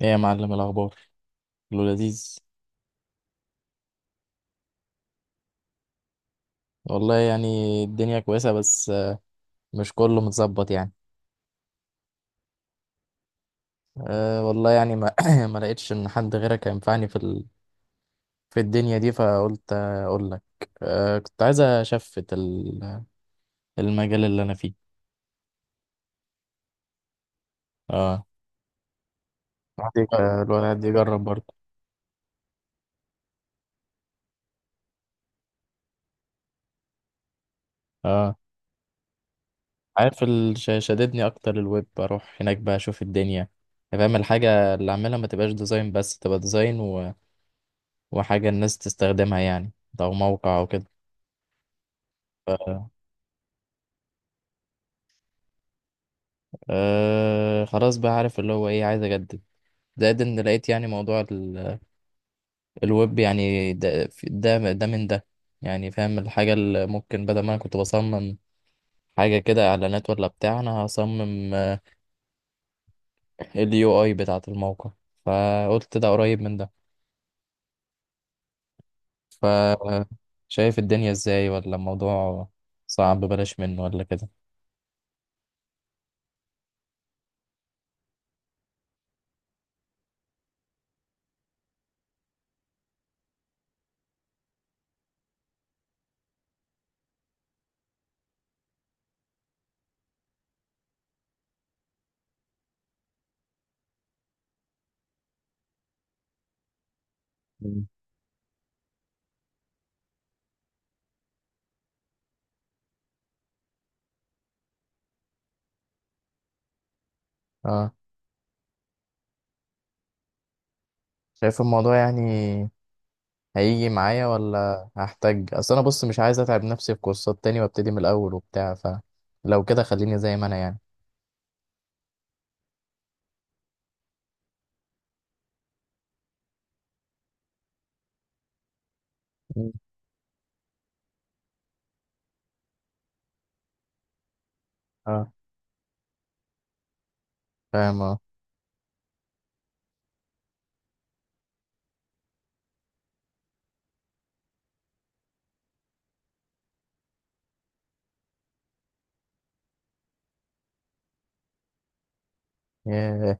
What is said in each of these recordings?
ايه يا معلم الاخبار؟ كله لذيذ. والله يعني الدنيا كويسه، بس مش كله متظبط يعني. أه والله يعني، ما ما لقيتش ان حد غيرك ينفعني في في الدنيا دي، فقلت اقول لك. أه كنت عايز اشفت المجال اللي انا فيه. اه. الواحد يجرب برضه. اه. عارف شددني اكتر الويب، اروح هناك بقى اشوف الدنيا، فاهم. الحاجه اللي اعملها ما تبقاش ديزاين بس، تبقى ديزاين وحاجه الناس تستخدمها يعني، او موقع او كده. أه خلاص بقى، عارف اللي هو ايه، عايز اجدد، زائد ان لقيت يعني موضوع الويب يعني، ده من ده يعني. فاهم الحاجة اللي ممكن، بدل ما انا كنت بصمم حاجة كده اعلانات ولا بتاع، انا هصمم اليو اي بتاعة الموقع، فقلت ده قريب من ده. ف شايف الدنيا ازاي؟ ولا الموضوع صعب، بلاش منه ولا كده؟ مم. اه شايف الموضوع يعني، هيجي معايا؟ ولا هحتاج؟ اصل انا بص مش عايز اتعب نفسي في كورسات تاني، وابتدي من الاول وبتاع، فلو كده خليني زي ما انا يعني. مم. اه فاهم اه. ياه،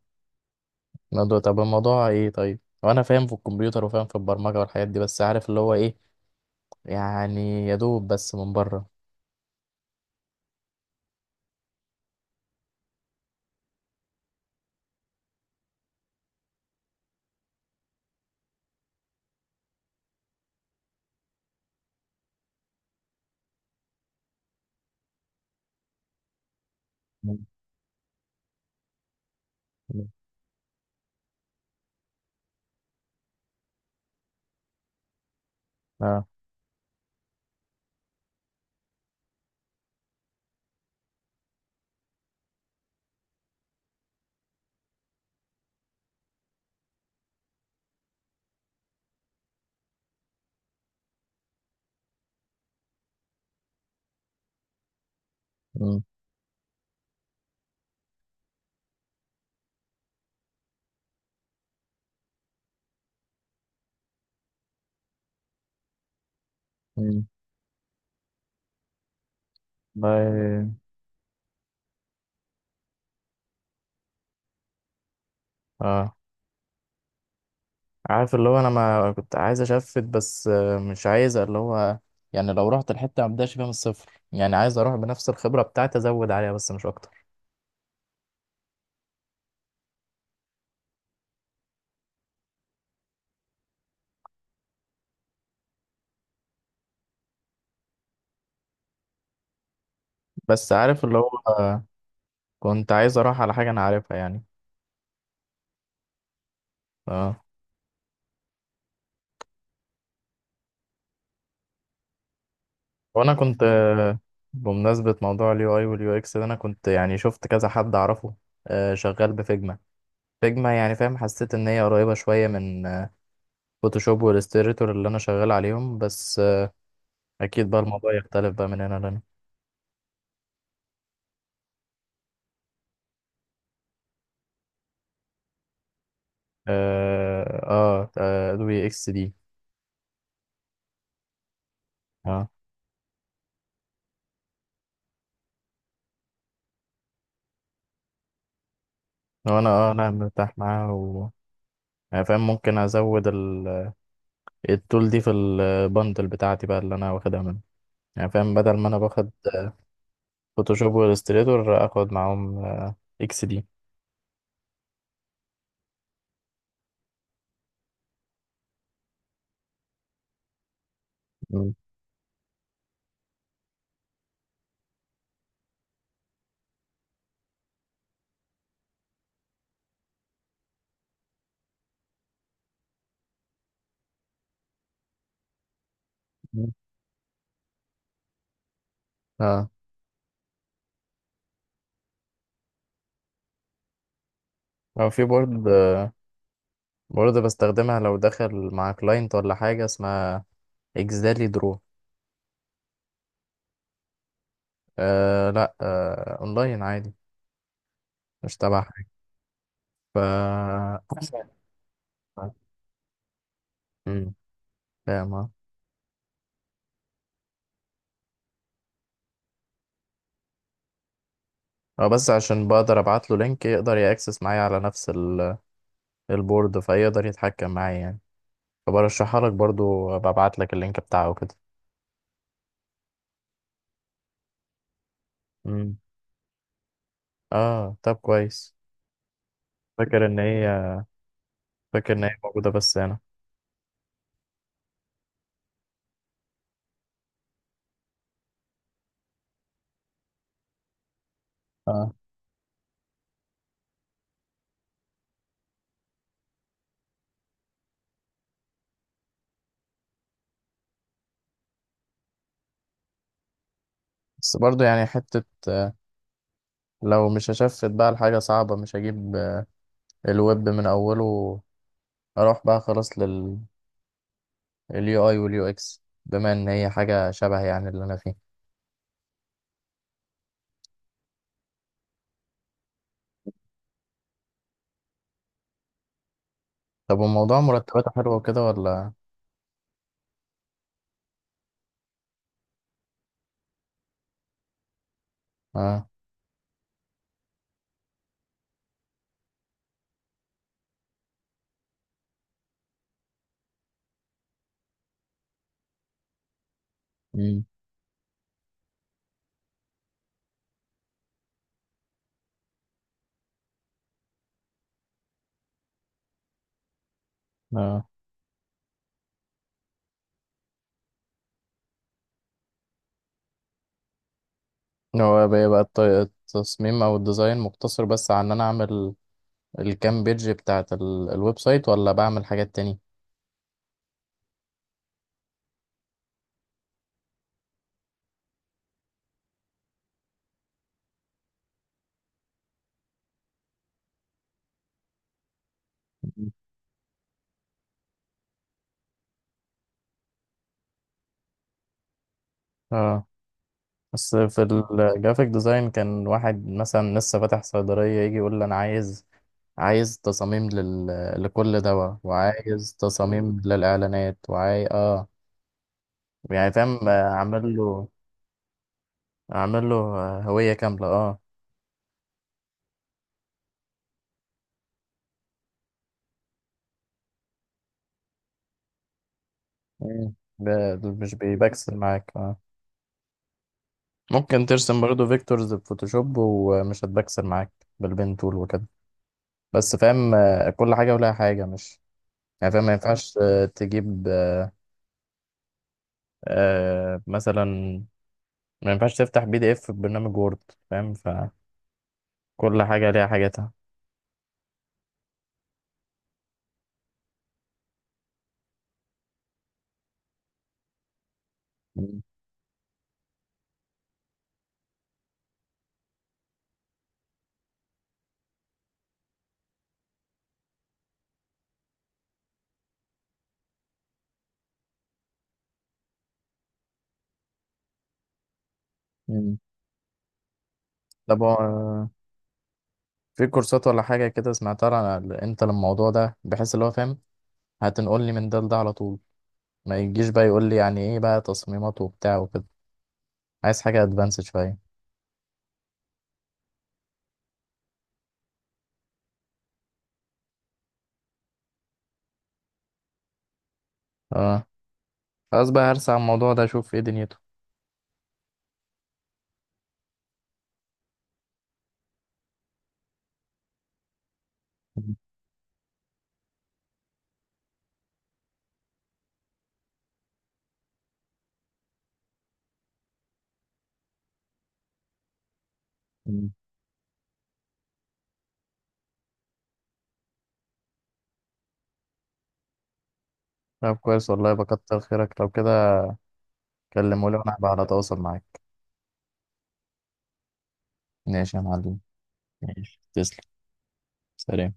طب الموضوع ايه؟ طيب، وانا فاهم في الكمبيوتر وفاهم في البرمجة والحاجات دي، بس عارف اللي هو ايه يعني، يا دوب بس من بره. مم. مم. اه. امم والله. اه عارف اللي هو، انا ما كنت عايز اشفت، بس مش عايز اللي هو يعني، لو رحت الحته ما ابداش فيها من الصفر يعني، عايز اروح بنفس الخبره بتاعتي، ازود عليها بس مش اكتر. بس عارف اللي هو، كنت عايز اروح على حاجه انا عارفها يعني. اه وانا كنت، بمناسبه موضوع اليو اي واليو اكس ده، انا كنت يعني شفت كذا حد اعرفه شغال بفيجما. فيجما، يعني فاهم، حسيت ان هي قريبه شويه من فوتوشوب والاستريتور اللي انا شغال عليهم، بس اكيد بقى الموضوع يختلف بقى من هنا لهنا. اه. اه ادوبي اكس دي. اه. لو انا اه انا مرتاح معاها يعني فاهم، ممكن ازود التول دي في البندل بتاعتي بقى اللي انا واخدها منه، يعني فاهم، بدل ما انا باخد فوتوشوب والاستريتور، اخد معاهم اكس دي. مم. مم. اه. او في بورد بستخدمها لو داخل مع كلاينت، ولا حاجه اسمها اكسالي درو. لا، اونلاين عادي، مش تبع حاجه. ف مم. فاهم آه. اه، بس عشان بقدر ابعت له لينك، يقدر ياكسس معايا على نفس البورد، فيقدر يتحكم معايا يعني، فبرشحها لك برضو، ببعت لك اللينك بتاعه كده. امم اه طب كويس. فاكر ان هي فاكر ان هي موجوده بس هنا. اه، بس برضو يعني حته، لو مش هشفت بقى لحاجه صعبه، مش هجيب الويب من اوله، اروح بقى خلاص اليو اي واليو اكس، بما ان هي حاجه شبه يعني اللي انا فيه. طب، وموضوع مرتباته حلوه وكده ولا؟ اه. امم اه. هو بقى التصميم او الديزاين مقتصر بس على ان انا اعمل الكام بيج بتاعت الويب سايت، ولا بعمل حاجات تانية؟ اه، بس في الجرافيك ديزاين كان واحد مثلا لسه فاتح صيدلية يجي يقول لي، انا عايز تصاميم لكل دواء، وعايز تصاميم للإعلانات، وعاي اه يعني فاهم، عامل له هوية كاملة اه. مم. مش بيبكسل معاك آه. ممكن ترسم برضه فيكتورز بفوتوشوب، ومش هتبكسل معاك بالبين تول وكده. بس فاهم كل حاجة ولها حاجة، مش يعني فاهم ما ينفعش تجيب مثلا ما ينفعش تفتح بي دي اف في برنامج وورد، فاهم، فكل حاجة ليها حاجاتها. مم. مم. طب هو في كورسات ولا حاجة كده سمعتها عن انت الموضوع ده، بحيث اللي هو فاهم هتنقلني من ده لده على طول، ما يجيش بقى يقول لي يعني ايه بقى تصميمات وبتاع وكده، عايز حاجة ادفانسد شوية. آه. خلاص بقى هرسى على الموضوع ده، اشوف ايه دنيته. مم. مم. طب كويس، والله بكتر خيرك لو كده، كلمه لي وانا هبقى على تواصل معاك. ماشي يا معلم. ماشي، تسلم. سلام.